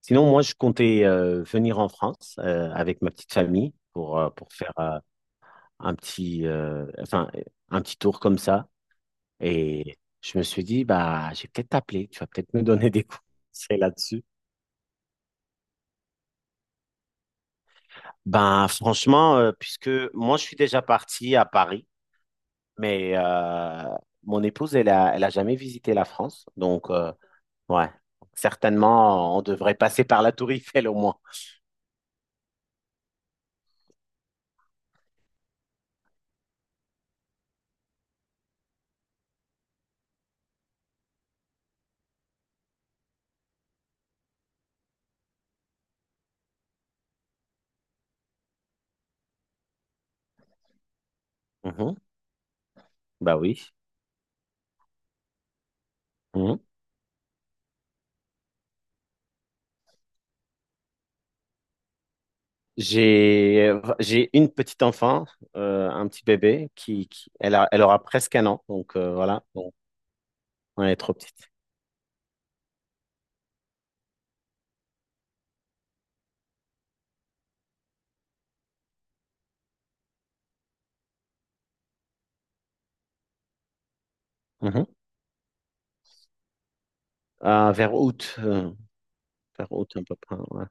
Sinon, moi, je comptais venir en France avec ma petite famille pour faire un petit, enfin, un petit tour comme ça. Et je me suis dit, bah, j'ai peut-être t'appeler, tu vas peut-être me donner des conseils là-dessus. Ben, franchement, puisque moi, je suis déjà parti à Paris, mais mon épouse, elle a jamais visité la France. Donc, ouais, certainement, on devrait passer par la Tour Eiffel au moins. Mhm. Bah oui. Mhm. J'ai une petite enfant, un petit bébé qui, elle aura presque 1 an, donc voilà, bon, elle est trop petite. Mhm. Vers août, faire route un peu près, ouais.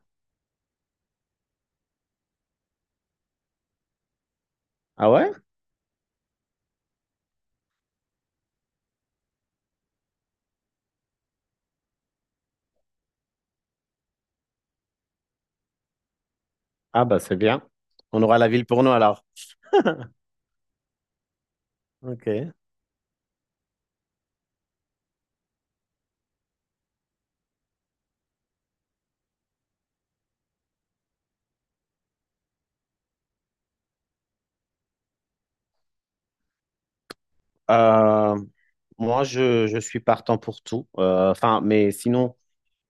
Ah ouais? Ah bah c'est bien. On aura la ville pour nous alors. Ok. Euh, moi, je suis partant pour tout. Enfin, mais sinon,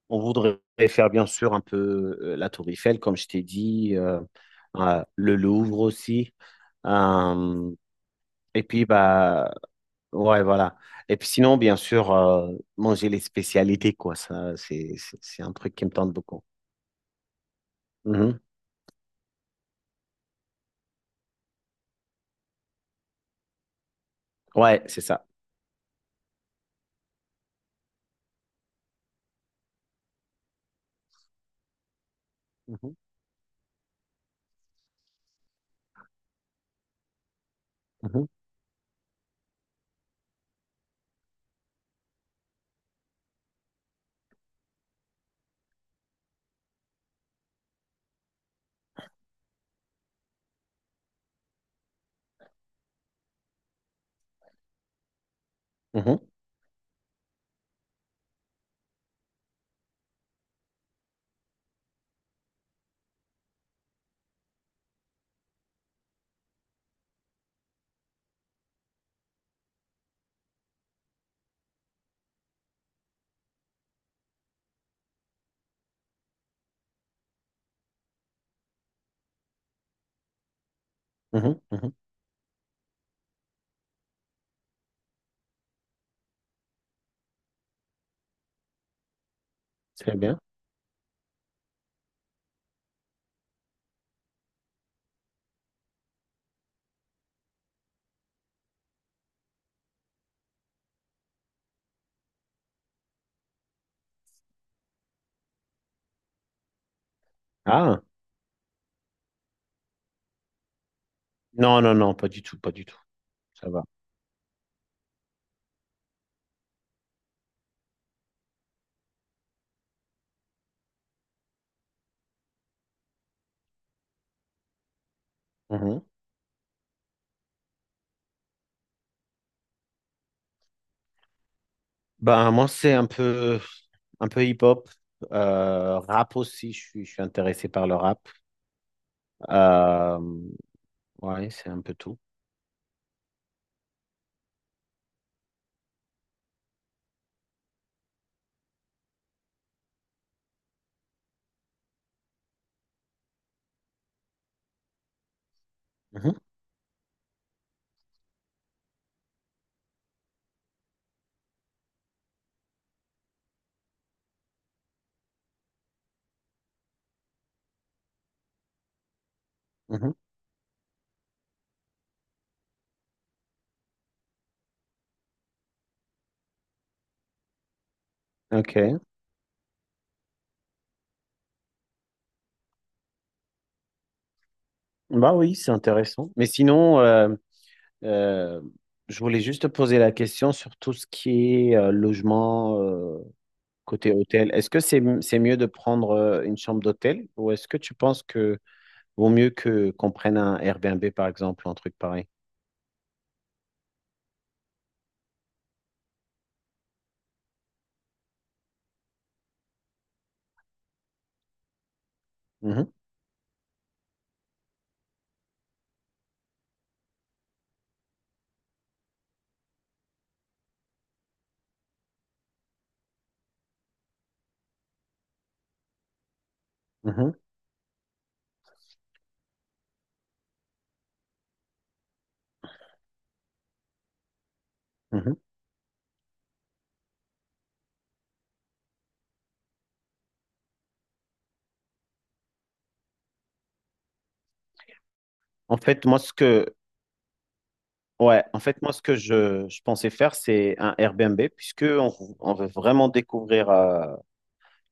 on voudrait faire bien sûr un peu la Tour Eiffel, comme je t'ai dit, le Louvre aussi. Euh, et puis, bah, ouais, voilà. Et puis sinon, bien sûr, manger les spécialités, quoi. Ça, c'est un truc qui me tente beaucoup. Mhm. Ouais, c'est ça. Mhm. Mhm. Mhm. Mhm. Mhm. Très bien. Ah, non, non, non, pas du tout, pas du tout. Ça va. Mhm. Ben, moi, c'est un peu hip-hop, rap aussi. Je suis intéressé par le rap. Euh, ouais, c'est un peu tout. Mhm, mhm. Ok. Bah oui, c'est intéressant. Mais sinon, euh, je voulais juste te poser la question sur tout ce qui est logement côté hôtel. Est-ce que c'est mieux de prendre une chambre d'hôtel ou est-ce que tu penses que vaut mieux que qu'on prenne un Airbnb, par exemple, ou un truc pareil. Mhm, mhm, mhm. En fait, moi, ce que, ouais, en fait, moi, ce que je pensais faire, c'est un Airbnb, puisque on veut vraiment découvrir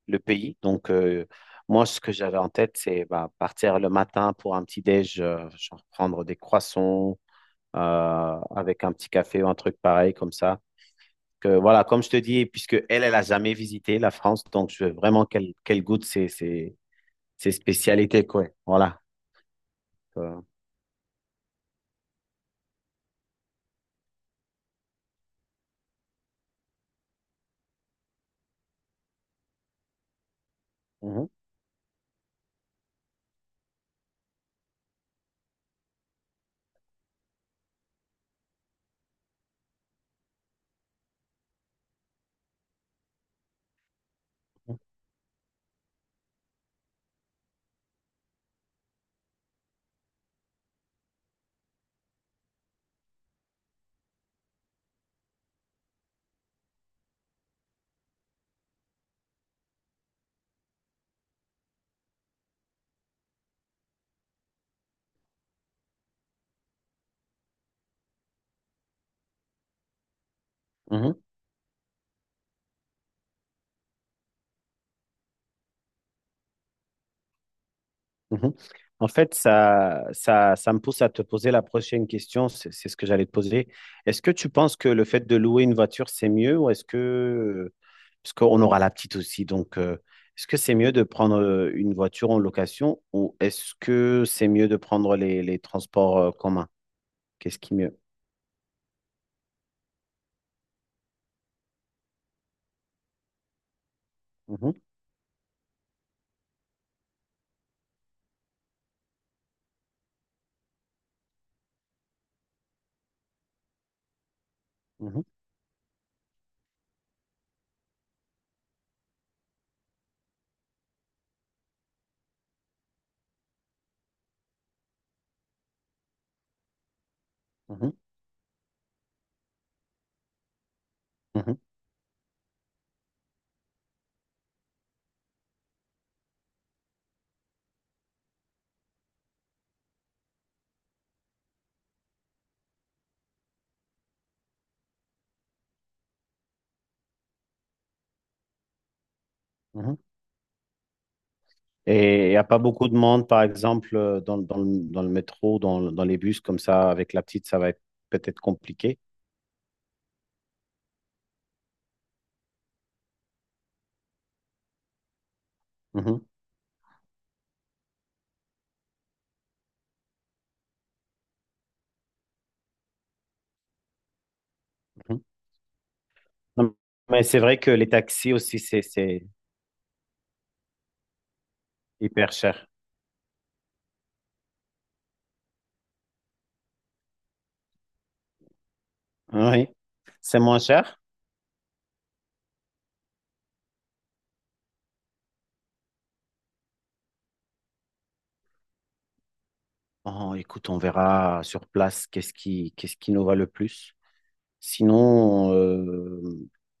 le pays. Donc, moi, ce que j'avais en tête, c'est bah, partir le matin pour un petit déj, genre prendre des croissants euh, avec un petit café ou un truc pareil, comme ça. Que, voilà, comme je te dis, puisque elle, elle a jamais visité la France, donc je veux vraiment qu'elle goûte ses spécialités, quoi. Voilà. Euh, mhm, mhm, mhm. En fait, ça me pousse à te poser la prochaine question. C'est ce que j'allais te poser. Est-ce que tu penses que le fait de louer une voiture, c'est mieux ou est-ce que, parce qu'on aura la petite aussi, donc est-ce que c'est mieux de prendre une voiture en location ou est-ce que c'est mieux de prendre les transports communs? Qu'est-ce qui est mieux? Mhm, mhm, mhm, mhm, mhm. Et il n'y a pas beaucoup de monde, par exemple, dans, dans le métro, dans les bus, comme ça, avec la petite, ça va être peut-être compliqué. Mhm, mhm. Non, mais c'est vrai que les taxis aussi, c'est hyper cher. Oui, c'est moins cher. Oh, écoute, on verra sur place qu'est-ce qui nous va le plus. Sinon,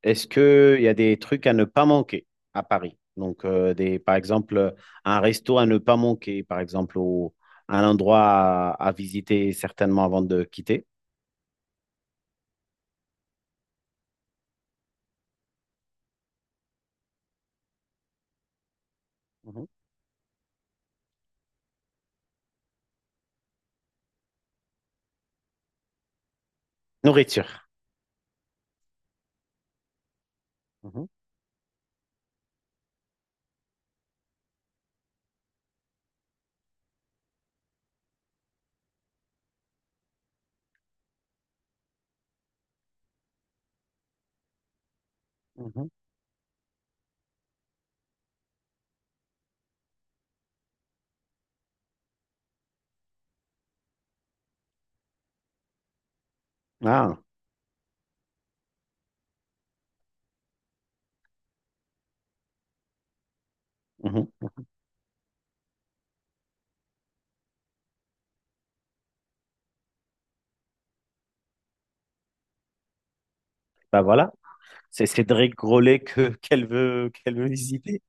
est-ce qu'il y a des trucs à ne pas manquer à Paris? Donc, des, par exemple, un resto à ne pas manquer, par exemple, un endroit à visiter certainement avant de quitter. Mhm. Nourriture. Mhm, mhm. Ah, mhm. Bah voilà, c'est Cédric Grolet que qu'elle veut visiter.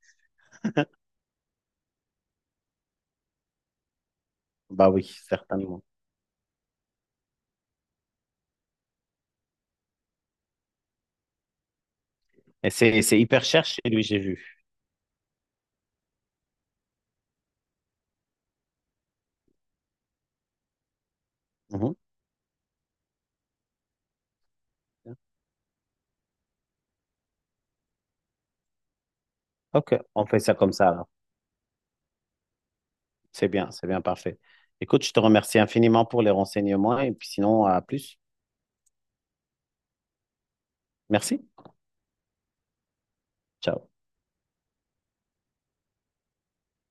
Bah oui, certainement. Et c'est hyper cher chez lui, j'ai vu. Mhm. OK, on fait ça comme ça alors. C'est bien, parfait. Écoute, je te remercie infiniment pour les renseignements et puis sinon, à plus. Merci. Ciao.